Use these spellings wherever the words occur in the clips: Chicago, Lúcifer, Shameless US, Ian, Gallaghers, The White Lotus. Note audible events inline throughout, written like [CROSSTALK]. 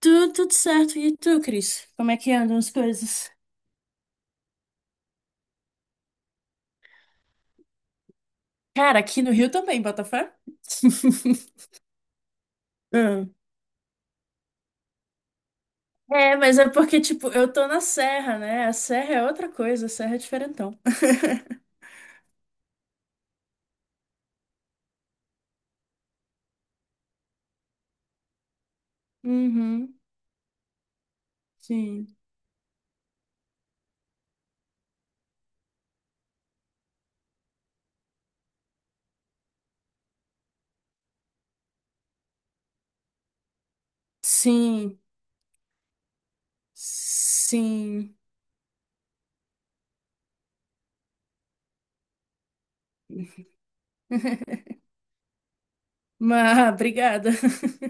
Tudo, tudo certo. E tu, Cris? Como é que andam as coisas? Cara, aqui no Rio também, Botafé. [LAUGHS] Ah, É, mas é porque, tipo, eu tô na serra, né? A serra é outra coisa, a serra é diferentão. [LAUGHS] Uhum, sim. Sim, sim. Mas, [LAUGHS] obrigada. [LAUGHS]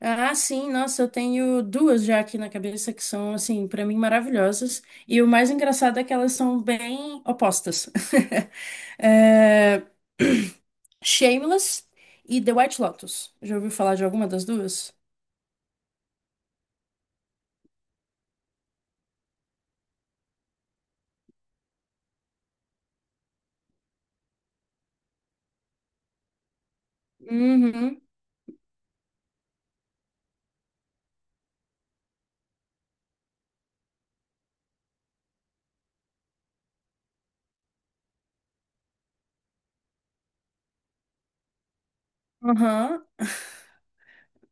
Sim, nossa, eu tenho duas já aqui na cabeça que são, assim, pra mim maravilhosas. E o mais engraçado é que elas são bem opostas. [LAUGHS] É... Shameless e The White Lotus. Já ouviu falar de alguma das duas? Uhum. Aham,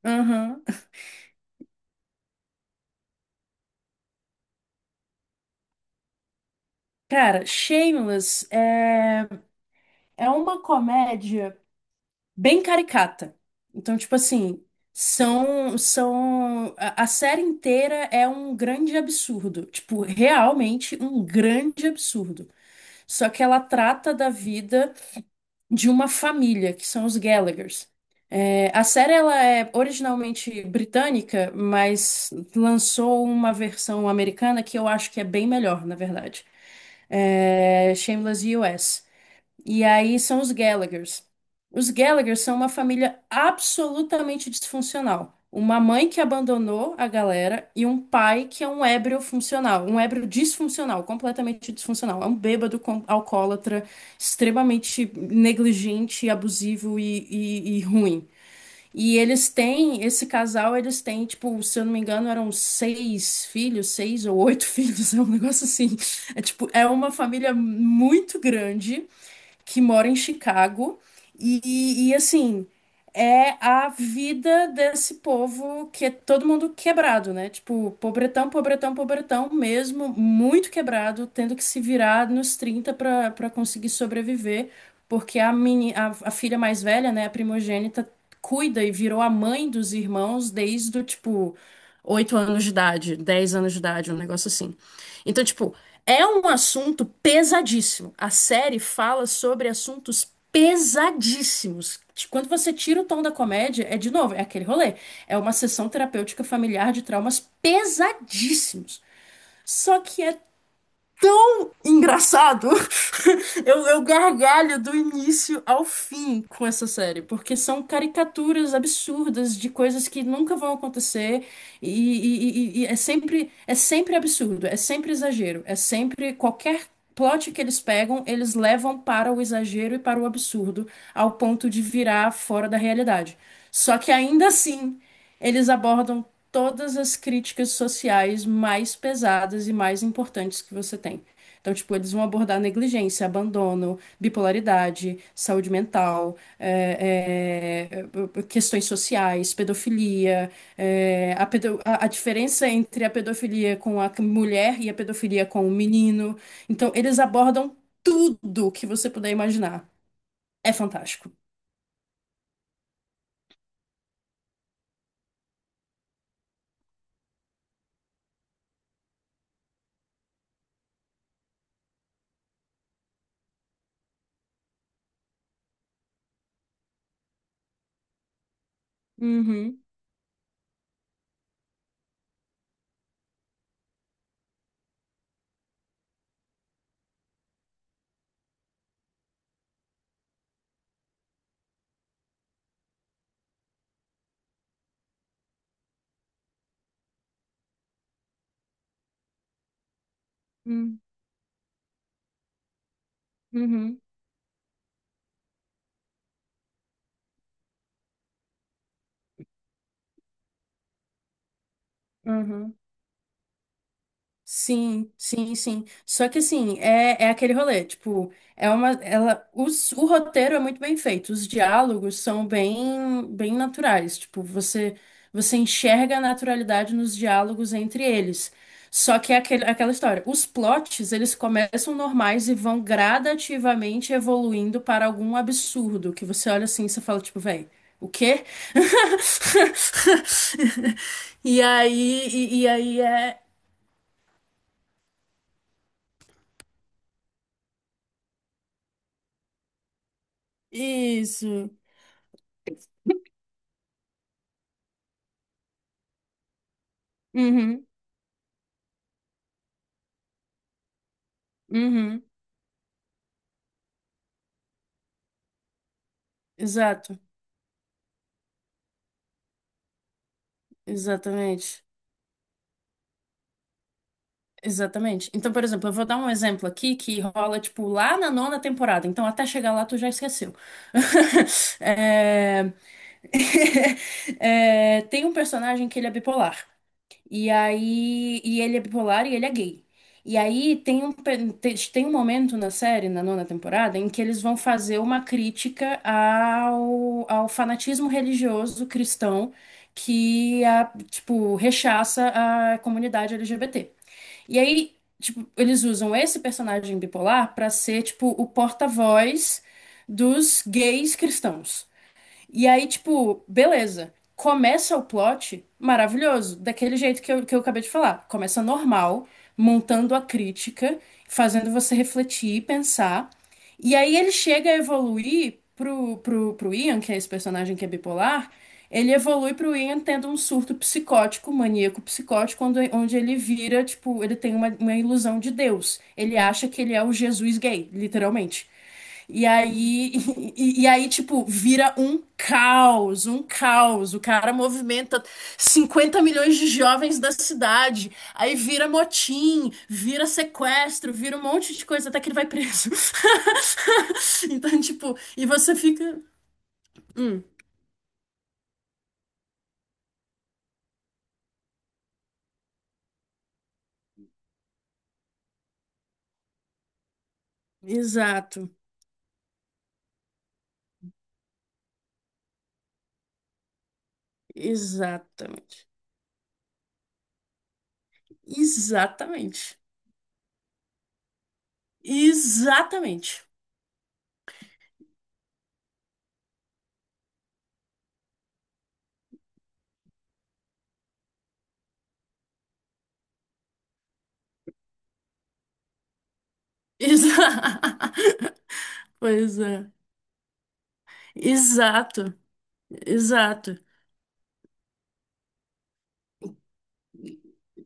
aham. Cara, é uma comédia bem caricata. Então, tipo assim, a série inteira é um grande absurdo. Tipo, realmente um grande absurdo. Só que ela trata da vida de uma família, que são os Gallaghers. É, a série ela é originalmente britânica, mas lançou uma versão americana que eu acho que é bem melhor, na verdade. É Shameless US. E aí são os Gallaghers. Os Gallaghers são uma família absolutamente disfuncional. Uma mãe que abandonou a galera e um pai que é um ébrio funcional, um ébrio disfuncional, completamente disfuncional. É um bêbado com, alcoólatra, extremamente negligente, abusivo e ruim. E eles têm, esse casal, eles têm, tipo, se eu não me engano, eram seis filhos, seis ou oito [LAUGHS] filhos, é um negócio assim. É tipo, é uma família muito grande que mora em Chicago. E assim, é a vida desse povo que é todo mundo quebrado, né? Tipo, pobretão, pobretão, pobretão mesmo, muito quebrado, tendo que se virar nos 30 para conseguir sobreviver, porque a filha mais velha, né, a primogênita, cuida e virou a mãe dos irmãos desde o tipo 8 anos de idade, 10 anos de idade, um negócio assim. Então, tipo, é um assunto pesadíssimo. A série fala sobre assuntos pesadíssimos. Quando você tira o tom da comédia, é de novo, é aquele rolê. É uma sessão terapêutica familiar de traumas pesadíssimos. Só que é engraçado. [LAUGHS] Eu gargalho do início ao fim com essa série, porque são caricaturas absurdas de coisas que nunca vão acontecer e é sempre absurdo, é sempre exagero, é sempre qualquer plot que eles pegam, eles levam para o exagero e para o absurdo, ao ponto de virar fora da realidade. Só que ainda assim, eles abordam todas as críticas sociais mais pesadas e mais importantes que você tem. Então, tipo, eles vão abordar negligência, abandono, bipolaridade, saúde mental, questões sociais, pedofilia, a diferença entre a pedofilia com a mulher e a pedofilia com o menino. Então, eles abordam tudo que você puder imaginar. É fantástico. Uhum, uhum, uhum, uhum. Sim, sim, sim. Só que assim, é aquele rolê, tipo, o roteiro é muito bem feito, os diálogos são bem, bem naturais, tipo, você enxerga a naturalidade nos diálogos entre eles. Só que é aquele, aquela história, os plots, eles começam normais e vão gradativamente evoluindo para algum absurdo, que você olha assim e você fala, tipo, véi, o quê? [LAUGHS] E aí é, Isso. Uhum, uhum. Exato, exatamente. Exatamente. Então, por exemplo, eu vou dar um exemplo aqui que rola, tipo, lá na nona temporada. Então, até chegar lá, tu já esqueceu. [LAUGHS] É... [LAUGHS] É, tem um personagem que ele é bipolar. E ele é bipolar e ele é gay. E aí tem um momento na série, na nona temporada, em que eles vão fazer uma crítica ao fanatismo religioso cristão que a, tipo, rechaça a comunidade LGBT. E aí, tipo, eles usam esse personagem bipolar pra ser, tipo, o porta-voz dos gays cristãos. E aí, tipo, beleza. Começa o plot maravilhoso, daquele jeito que eu acabei de falar. Começa normal, montando a crítica, fazendo você refletir e pensar. E aí ele chega a evoluir pro Ian, que é esse personagem que é bipolar. Ele evolui pro Ian tendo um surto psicótico, maníaco psicótico, onde ele vira, tipo, uma ilusão de Deus. Ele acha que ele é o Jesus gay, literalmente. E aí, [LAUGHS] tipo, vira um caos, um caos. O cara movimenta 50 milhões de jovens da cidade. Aí vira motim, vira sequestro, vira um monte de coisa até que ele vai preso. [LAUGHS] Então, tipo, e você fica. Hum, exato, exatamente. Exatamente. Exatamente. Exa... [LAUGHS] Pois é. Exato, exato.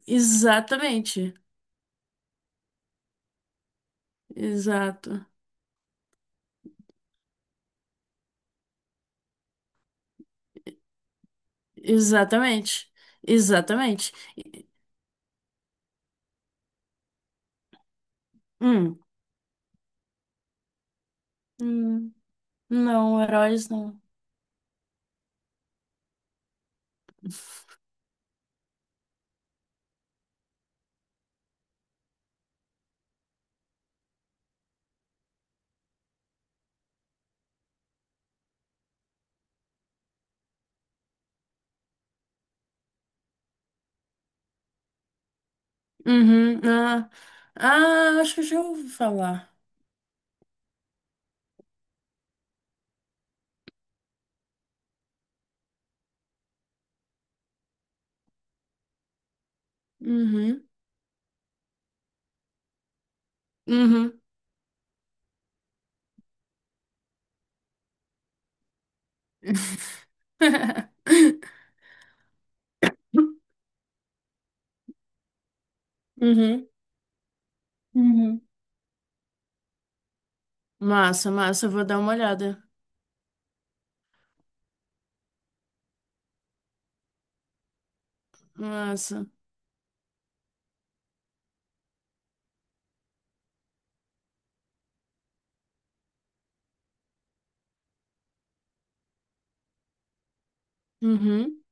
Exatamente. Exato. Exatamente. Exatamente. Hum. Hum. Não, heróis não. Uhum. Ah, ah, acho que eu já ouvi falar. Uhum. Uhum. [LAUGHS] Uhum. Uhum. Massa, massa, eu vou dar uma olhada. Massa. Uhum.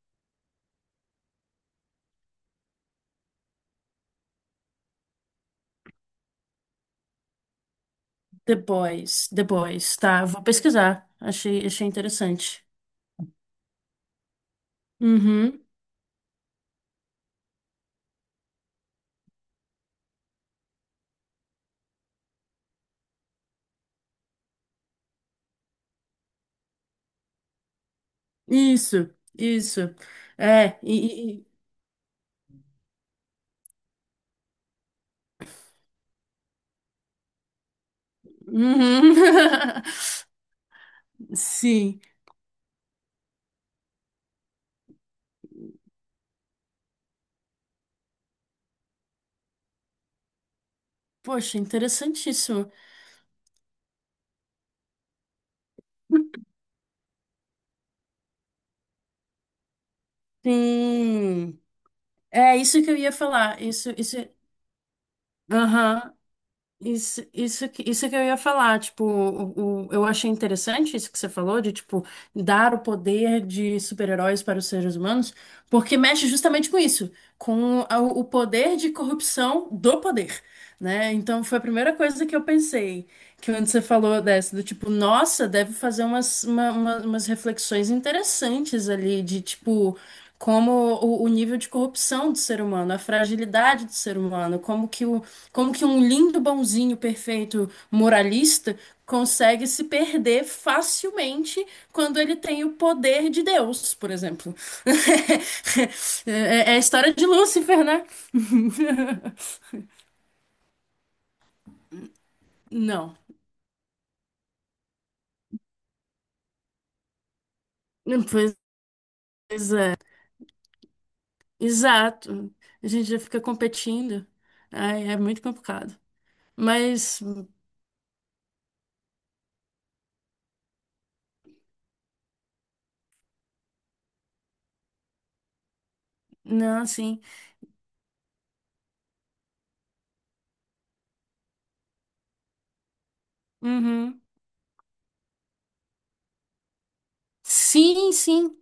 Depois, depois, tá, eu vou pesquisar. Achei, achei interessante. Uhum. Isso, isso. É, e, Uhum. [LAUGHS] Sim. Poxa, interessantíssimo. Sim. É isso que eu ia falar. Isso, isso. Aham. Isso, isso que eu ia falar, tipo, eu achei interessante isso que você falou, de, tipo, dar o poder de super-heróis para os seres humanos, porque mexe justamente com isso, o poder de corrupção do poder, né? Então, foi a primeira coisa que eu pensei, que quando você falou dessa, do tipo, nossa, deve fazer umas reflexões interessantes ali, de, tipo... Como o nível de corrupção do ser humano, a fragilidade do ser humano, como que um lindo, bonzinho, perfeito moralista consegue se perder facilmente quando ele tem o poder de Deus, por exemplo? [LAUGHS] É a história de Lúcifer, né? [LAUGHS] Não. Pois é, exato. A gente já fica competindo. Ai, é muito complicado. Mas, não, assim. Uhum. Sim, sim.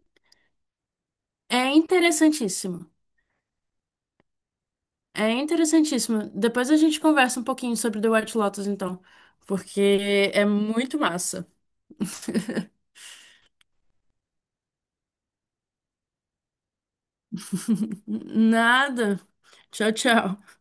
É interessantíssimo. É interessantíssimo. Depois a gente conversa um pouquinho sobre The White Lotus, então, porque é muito massa. [LAUGHS] Nada. Tchau, tchau.